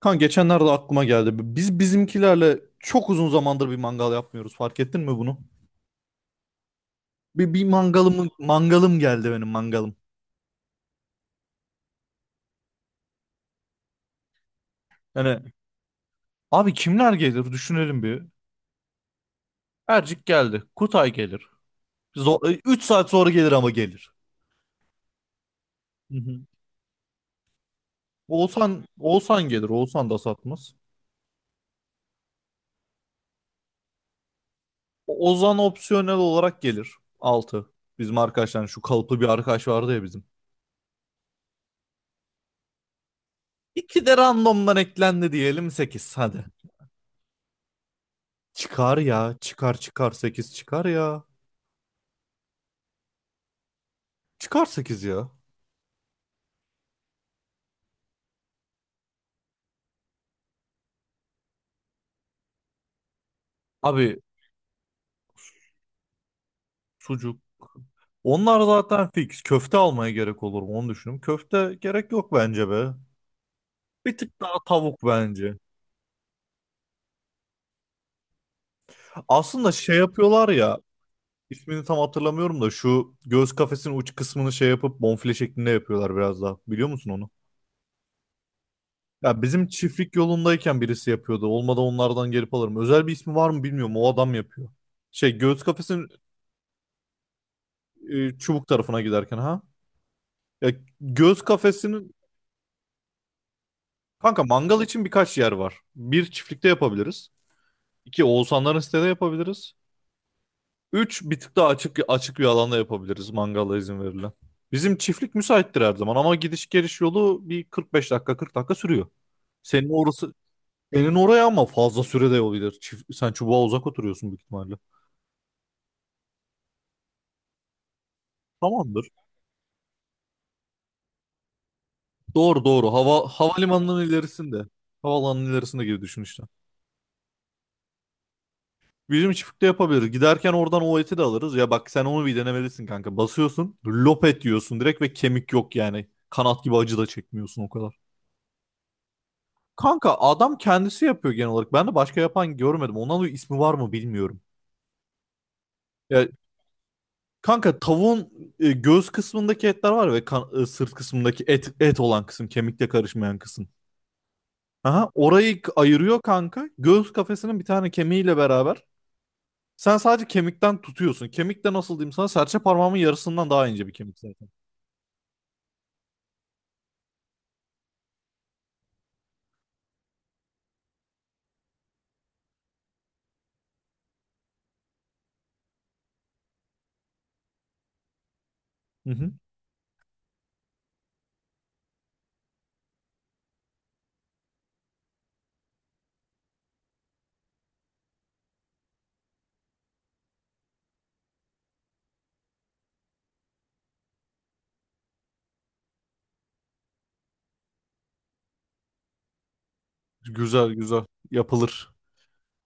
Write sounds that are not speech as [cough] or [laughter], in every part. Kan geçenlerde aklıma geldi. Biz bizimkilerle çok uzun zamandır bir mangal yapmıyoruz. Fark ettin mi bunu? Bir mangalım geldi benim mangalım. Yani abi kimler gelir düşünelim bir. Ercik geldi. Kutay gelir. Zor, 3 saat sonra gelir ama gelir. Hı hı. Oğuzhan gelir. Oğuzhan da satmaz. Ozan opsiyonel olarak gelir. 6. Bizim arkadaşlar şu kalıplı bir arkadaş vardı ya bizim. İki de randomdan eklendi diyelim sekiz, hadi. Çıkar ya, çıkar 8 çıkar ya. Çıkar 8 ya. Abi sucuk. Onlar zaten fix. Köfte almaya gerek olur mu onu düşündüm. Köfte gerek yok bence be. Bir tık daha tavuk bence. Aslında şey yapıyorlar ya. İsmini tam hatırlamıyorum da şu göğüs kafesinin uç kısmını şey yapıp bonfile şeklinde yapıyorlar biraz daha. Biliyor musun onu? Ya bizim çiftlik yolundayken birisi yapıyordu. Olmadı onlardan gelip alırım. Özel bir ismi var mı bilmiyorum. O adam yapıyor. Şey göğüs kafesinin çubuk tarafına giderken ha. Ya göğüs kafesinin kanka mangal için birkaç yer var. Bir, çiftlikte yapabiliriz. İki, Oğuzhanların sitede yapabiliriz. Üç, bir tık daha açık bir alanda yapabiliriz, mangala izin verilen. Bizim çiftlik müsaittir her zaman, ama gidiş geliş yolu bir 45 dakika 40 dakika sürüyor. Senin orası, senin oraya ama fazla sürede yol gider. Sen çubuğa uzak oturuyorsun büyük ihtimalle. Tamamdır. Doğru doğru. Havalimanının ilerisinde. Havaalanının ilerisinde gibi düşün işte. Bizim çiftlikte yapabiliriz. Giderken oradan o eti de alırız. Ya bak, sen onu bir denemelisin kanka. Basıyorsun, lop et diyorsun direkt ve kemik yok yani. Kanat gibi acı da çekmiyorsun o kadar. Kanka, adam kendisi yapıyor genel olarak. Ben de başka yapan görmedim. Ondan dolayı ismi var mı bilmiyorum. Ya kanka, tavuğun göğüs kısmındaki etler var ve sırt kısmındaki et olan kısım, kemikle karışmayan kısım. Aha, orayı ayırıyor kanka. Göğüs kafesinin bir tane kemiğiyle beraber sen sadece kemikten tutuyorsun. Kemik de nasıl diyeyim sana? Serçe parmağımın yarısından daha ince bir kemik zaten. Hı hı. Güzel güzel. Yapılır.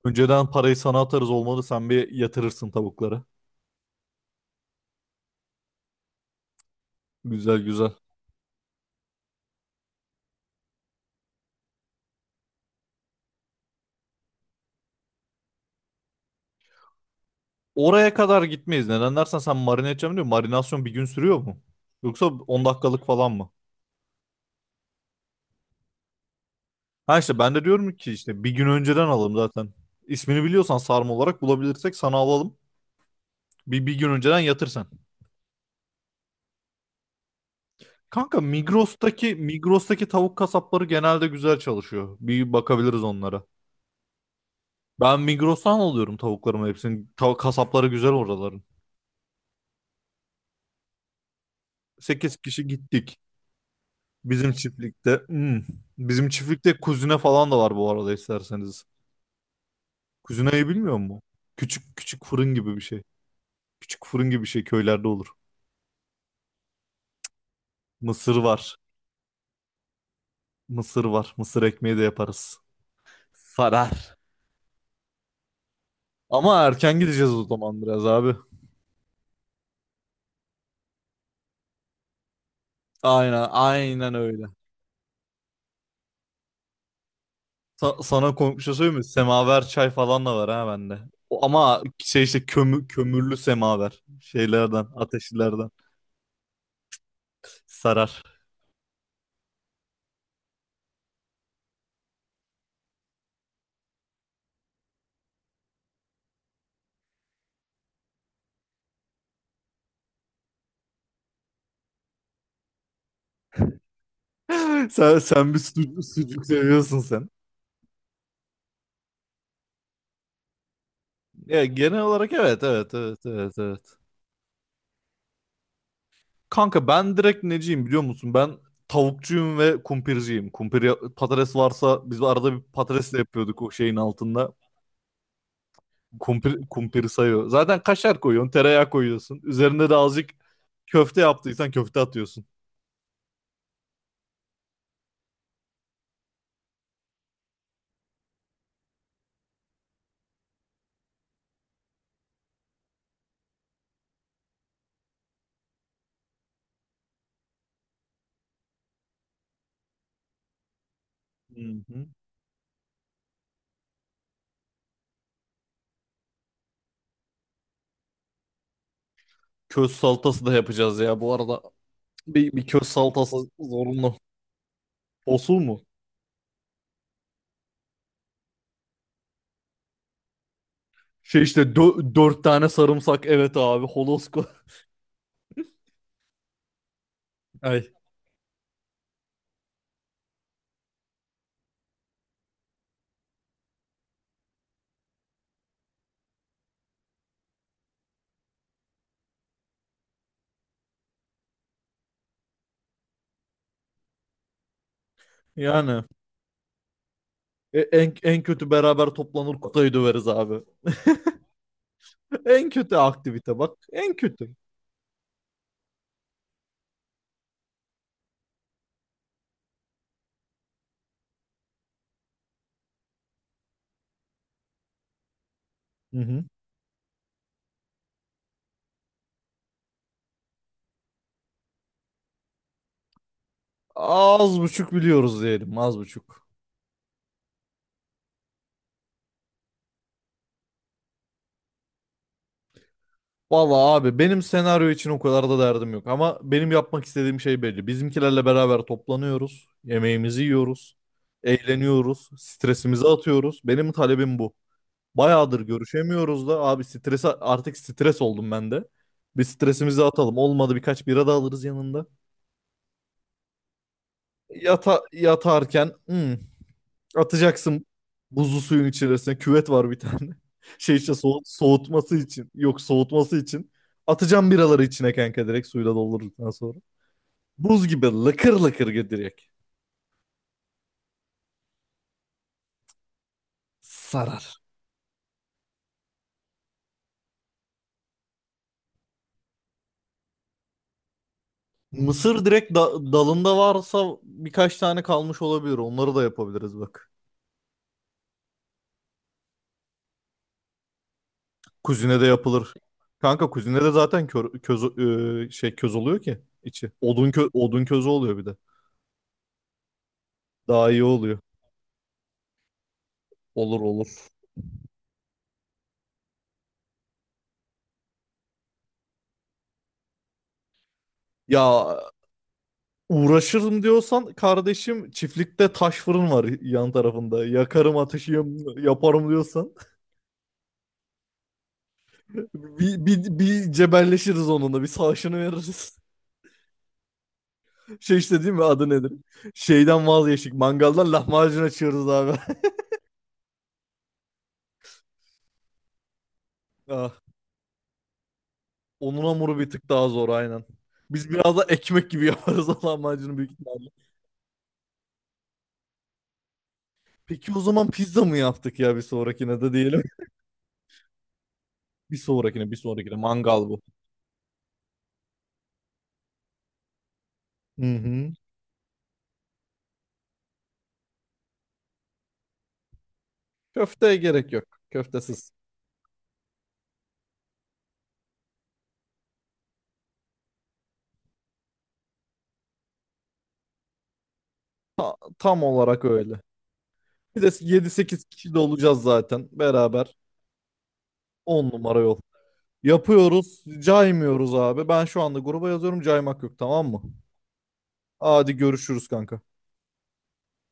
Önceden parayı sana atarız, olmadı. Sen bir yatırırsın tavuklara. Güzel güzel. Oraya kadar gitmeyiz. Neden dersen, sen marine edeceğim diyor. Marinasyon bir gün sürüyor mu? Yoksa 10 dakikalık falan mı? Ha işte, ben de diyorum ki işte bir gün önceden alalım zaten. İsmini biliyorsan sarma olarak bulabilirsek sana alalım. Bir gün önceden yatırsan. Kanka Migros'taki tavuk kasapları genelde güzel çalışıyor. Bir bakabiliriz onlara. Ben Migros'tan alıyorum tavuklarımı hepsini. Kasapları güzel oraların. 8 kişi gittik bizim çiftlikte. Hmm. Bizim çiftlikte kuzine falan da var bu arada, isterseniz. Kuzinayı bilmiyor mu? Küçük fırın gibi bir şey. Küçük fırın gibi bir şey, köylerde olur. Mısır var. Mısır var. Mısır ekmeği de yaparız. Sarar. Ama erken gideceğiz o zaman biraz abi. Aynen, aynen öyle. Sana komik bir şey söyleyeyim mi? Semaver çay falan da var ha bende. Ama şey işte kömürlü semaver. Şeylerden, ateşlilerden. Sarar. [laughs] Sen bir sucuk seviyorsun sen. Ya genel olarak evet, evet, evet, evet, evet. Kanka ben direkt neciyim biliyor musun? Ben tavukçuyum ve kumpirciyim. Patates varsa biz arada bir patates de yapıyorduk o şeyin altında. Kumpiri sayıyor. Zaten kaşar koyuyorsun, tereyağı koyuyorsun. Üzerine de azıcık köfte yaptıysan köfte atıyorsun. Hı hı. Köz salatası da yapacağız ya bu arada. Bir köz salatası zorunlu. Osul mu? Şey işte 4 tane sarımsak, evet abi, holosko. [laughs] Ay yani en kötü beraber toplanır Kutay'ı döveriz abi. [laughs] En kötü aktivite bak. En kötü. Hı hı. Az buçuk biliyoruz diyelim. Az buçuk. Valla abi, benim senaryo için o kadar da derdim yok. Ama benim yapmak istediğim şey belli. Bizimkilerle beraber toplanıyoruz. Yemeğimizi yiyoruz. Eğleniyoruz. Stresimizi atıyoruz. Benim talebim bu. Bayağıdır görüşemiyoruz da abi, strese, artık stres oldum ben de. Bir stresimizi atalım. Olmadı birkaç bira da alırız yanında. Yatarken "Hmm, atacaksın buzlu suyun içerisine." Küvet var bir tane. [laughs] Şey işte soğutması için. Yok, soğutması için. Atacağım biraları içine kanka, direkt suyla doldurduktan sonra. Buz gibi lıkır lıkır gidirecek. Sarar. Mısır direkt dalında varsa birkaç tane kalmış olabilir. Onları da yapabiliriz bak. Kuzine de yapılır. Kanka kuzine de zaten köz, köz oluyor ki içi. Odun közü oluyor bir de. Daha iyi oluyor. Olur olur. Ya uğraşırım diyorsan kardeşim, çiftlikte taş fırın var yan tarafında. Yakarım ateşim, yaparım diyorsan [laughs] bir cebelleşiriz onunla, bir savaşını veririz. [laughs] Şey işte, değil mi, adı nedir? Şeyden vazgeçtik, mangaldan lahmacun açıyoruz abi. [laughs] Ah, onun hamuru bir tık daha zor aynen. Biz biraz da ekmek gibi yaparız [laughs] lahmacunu büyük ihtimalle. Peki o zaman pizza mı yaptık ya, bir sonrakine de diyelim. [laughs] Bir sonrakine mangal bu. Hı hı. Köfteye gerek yok. Köftesiz. Tam olarak öyle. Bir de 7-8 kişi de olacağız zaten beraber. 10 numara yol. Yapıyoruz, caymıyoruz abi. Ben şu anda gruba yazıyorum, caymak yok, tamam mı? Hadi görüşürüz kanka.